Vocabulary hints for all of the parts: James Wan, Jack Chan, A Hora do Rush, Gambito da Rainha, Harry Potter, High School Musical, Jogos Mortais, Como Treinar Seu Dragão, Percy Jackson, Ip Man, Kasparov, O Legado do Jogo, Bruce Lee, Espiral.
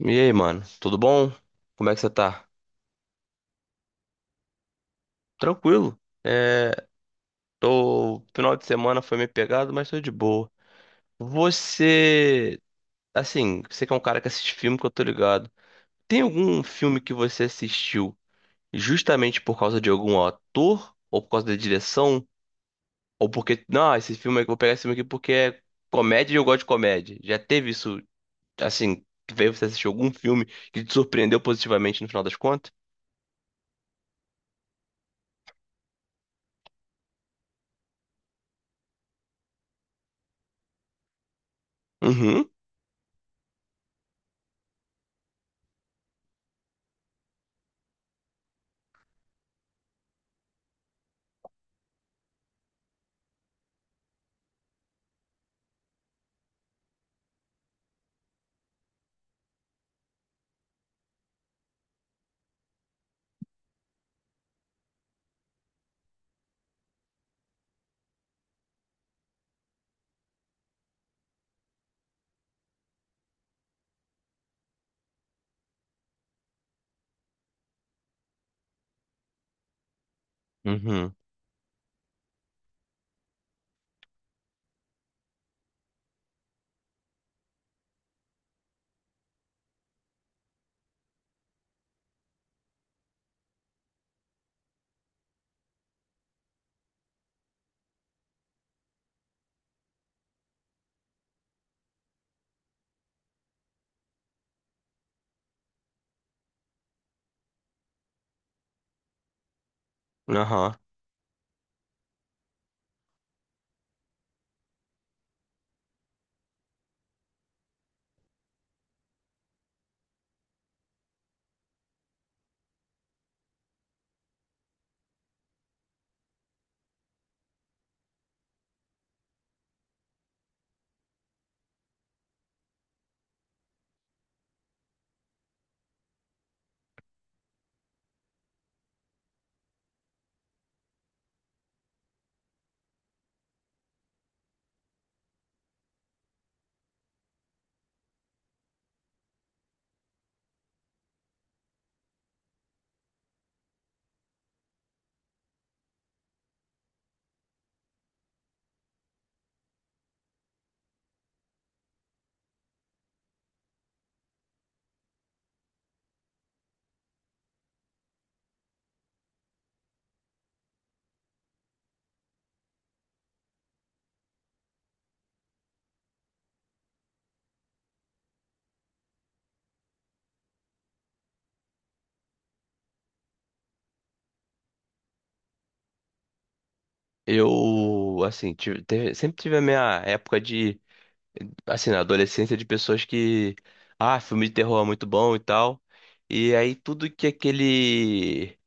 E aí, mano, tudo bom? Como é que você tá? Tranquilo. É, tô... Final de semana foi meio pegado, mas tô de boa. Você, assim, você que é um cara que assiste filme que eu tô ligado. Tem algum filme que você assistiu justamente por causa de algum ator? Ou por causa da direção? Ou porque, não, esse filme, vou pegar esse filme aqui porque é comédia e eu gosto de comédia. Já teve isso, assim, que veio você assistir algum filme que te surpreendeu positivamente no final das contas? Uhum, uhum, aham. Eu, assim, sempre tive a minha época de, assim, na adolescência, de pessoas que, ah, filme de terror é muito bom e tal. E aí tudo que aquele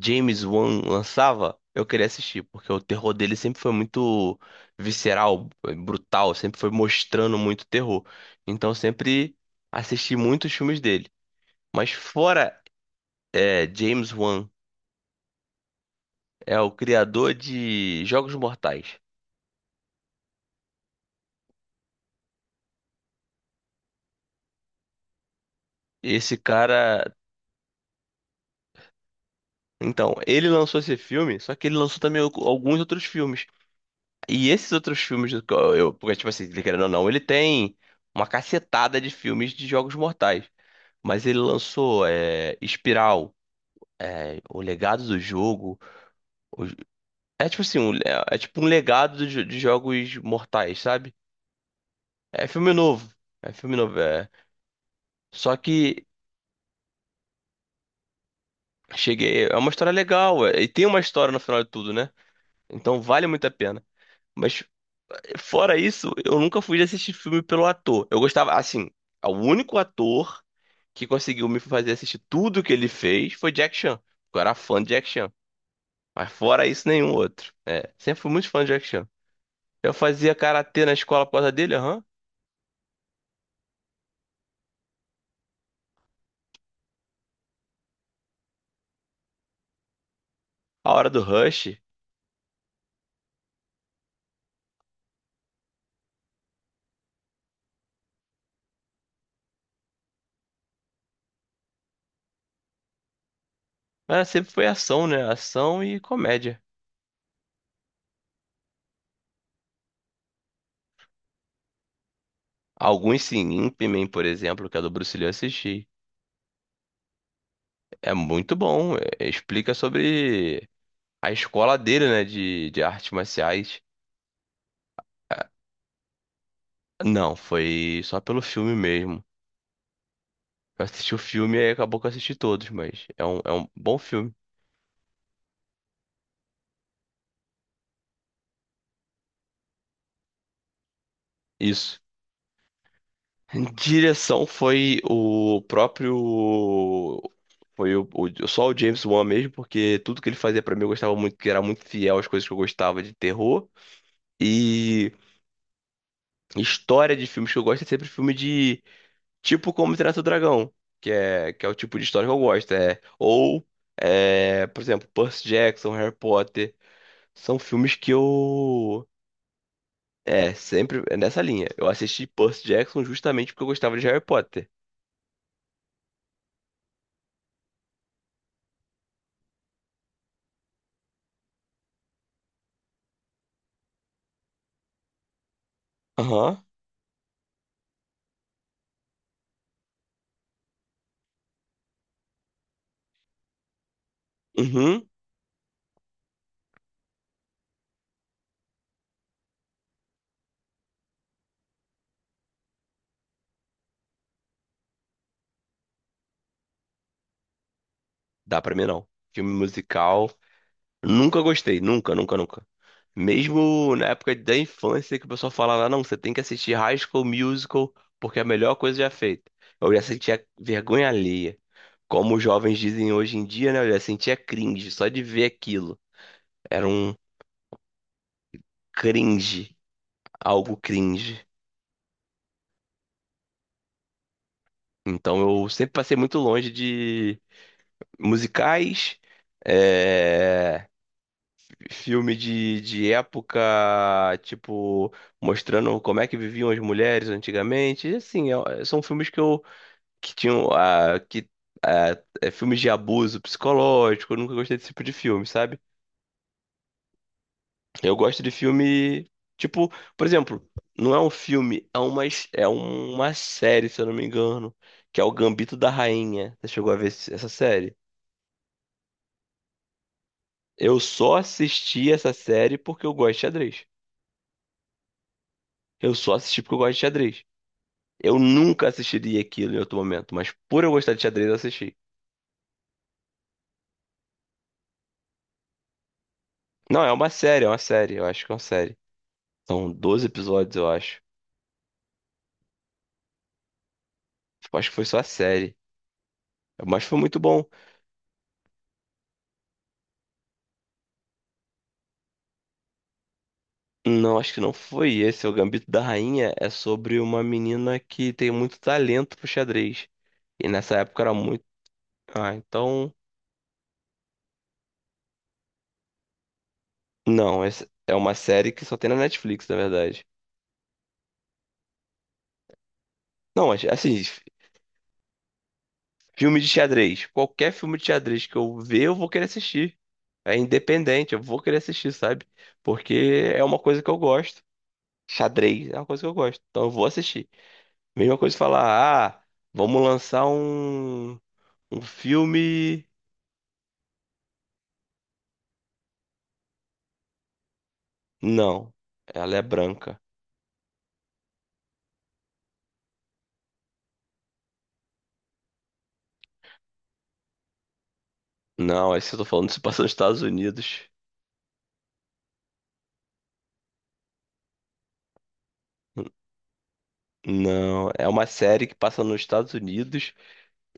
James Wan lançava, eu queria assistir, porque o terror dele sempre foi muito visceral, brutal, sempre foi mostrando muito terror. Então eu sempre assisti muitos filmes dele. Mas fora, é, James Wan, é o criador de Jogos Mortais. Esse cara... Então, ele lançou esse filme, só que ele lançou também alguns outros filmes. E esses outros filmes, do que eu, porque, tipo assim, ele querendo ou não, ele tem uma cacetada de filmes de Jogos Mortais. Mas ele lançou é, Espiral, é, O Legado do Jogo. o- É tipo assim, um, é, é tipo um legado de Jogos Mortais, sabe? É filme novo. É filme novo, é. Só que cheguei. É uma história legal, é, e tem uma história no final de tudo, né? Então vale muito a pena. Mas fora isso, eu nunca fui de assistir filme pelo ator. Eu gostava, assim, o único ator que conseguiu me fazer assistir tudo que ele fez foi Jack Chan. Eu era fã de Jack Chan. Mas fora isso, nenhum outro. É, sempre fui muito fã de Jack Chan. Eu fazia karatê na escola por causa dele, aham. A Hora do Rush. Mas sempre foi ação, né? Ação e comédia. Alguns sim, Ip Man, por exemplo, que é do Bruce Lee, eu assisti. É muito bom. Explica sobre a escola dele, né? De artes marciais. Não, foi só pelo filme mesmo. Eu assisti o filme e acabou que eu assisti todos, mas é um bom filme. Isso. Direção foi o próprio. Foi só o James Wan mesmo, porque tudo que ele fazia pra mim eu gostava muito, que era muito fiel às coisas que eu gostava de terror. E história de filmes que eu gosto é sempre filme de... Tipo Como Treinar Seu Dragão, que é o tipo de história que eu gosto. É, ou, é, por exemplo, Percy Jackson, Harry Potter. São filmes que eu... É, sempre é nessa linha. Eu assisti Percy Jackson justamente porque eu gostava de Harry Potter. Aham. Uhum. Dá pra mim não. Filme musical. Nunca gostei. Nunca, nunca, nunca. Mesmo na época da infância que o pessoal fala lá, não, você tem que assistir High School Musical porque é a melhor coisa já feita. Eu já sentia vergonha alheia. Como os jovens dizem hoje em dia, né? Eu já sentia cringe só de ver aquilo. Era um cringe. Algo cringe. Então eu sempre passei muito longe de musicais, é, filme de época, tipo, mostrando como é que viviam as mulheres antigamente. E, assim, são filmes que eu que tinham ah, é, filmes de abuso psicológico, eu nunca gostei desse tipo de filme, sabe? Eu gosto de filme, tipo, por exemplo, não é um filme, é uma, é uma série, se eu não me engano, que é o Gambito da Rainha. Você chegou a ver essa série? Eu só assisti essa série porque eu gosto de xadrez. Eu só assisti porque eu gosto de xadrez. Eu nunca assistiria aquilo em outro momento, mas por eu gostar de xadrez, eu assisti. Não, é uma série, é uma série. Eu acho que é uma série. São 12 episódios, eu acho. Eu acho que foi só a série. Mas foi muito bom. Não, acho que não foi esse. É, o Gambito da Rainha é sobre uma menina que tem muito talento pro xadrez. E nessa época era muito... Ah, então. Não, essa é uma série que só tem na Netflix, na verdade. Não, mas assim, filme de xadrez. Qualquer filme de xadrez que eu ver, eu vou querer assistir. É independente, eu vou querer assistir, sabe? Porque é uma coisa que eu gosto. Xadrez é uma coisa que eu gosto. Então eu vou assistir. Mesma coisa falar, ah, vamos lançar um, um filme. Não, ela é branca. Não, esse que eu tô falando se passa nos Estados Unidos. Não, é uma série que passa nos Estados Unidos.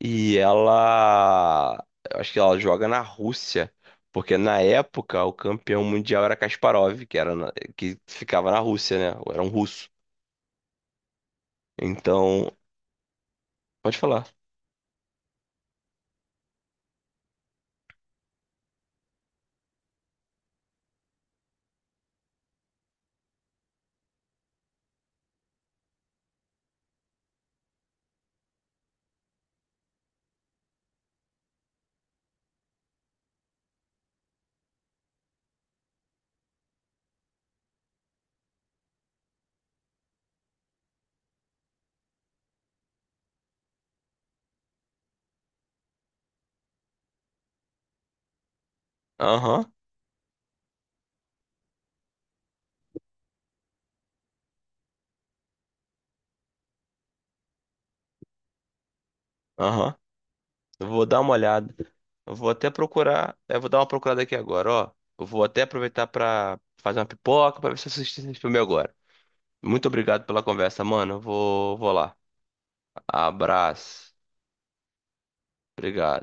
E ela... Eu acho que ela joga na Rússia. Porque na época o campeão mundial era Kasparov, que ficava na Rússia, né? Era um russo. Então, pode falar. Aham, aham. Eu vou dar uma olhada. Eu vou até procurar. Eu vou dar uma procurada aqui agora, ó. Eu vou até aproveitar pra fazer uma pipoca pra ver se eu assisti esse filme agora. Muito obrigado pela conversa, mano. Eu vou lá. Abraço. Obrigado.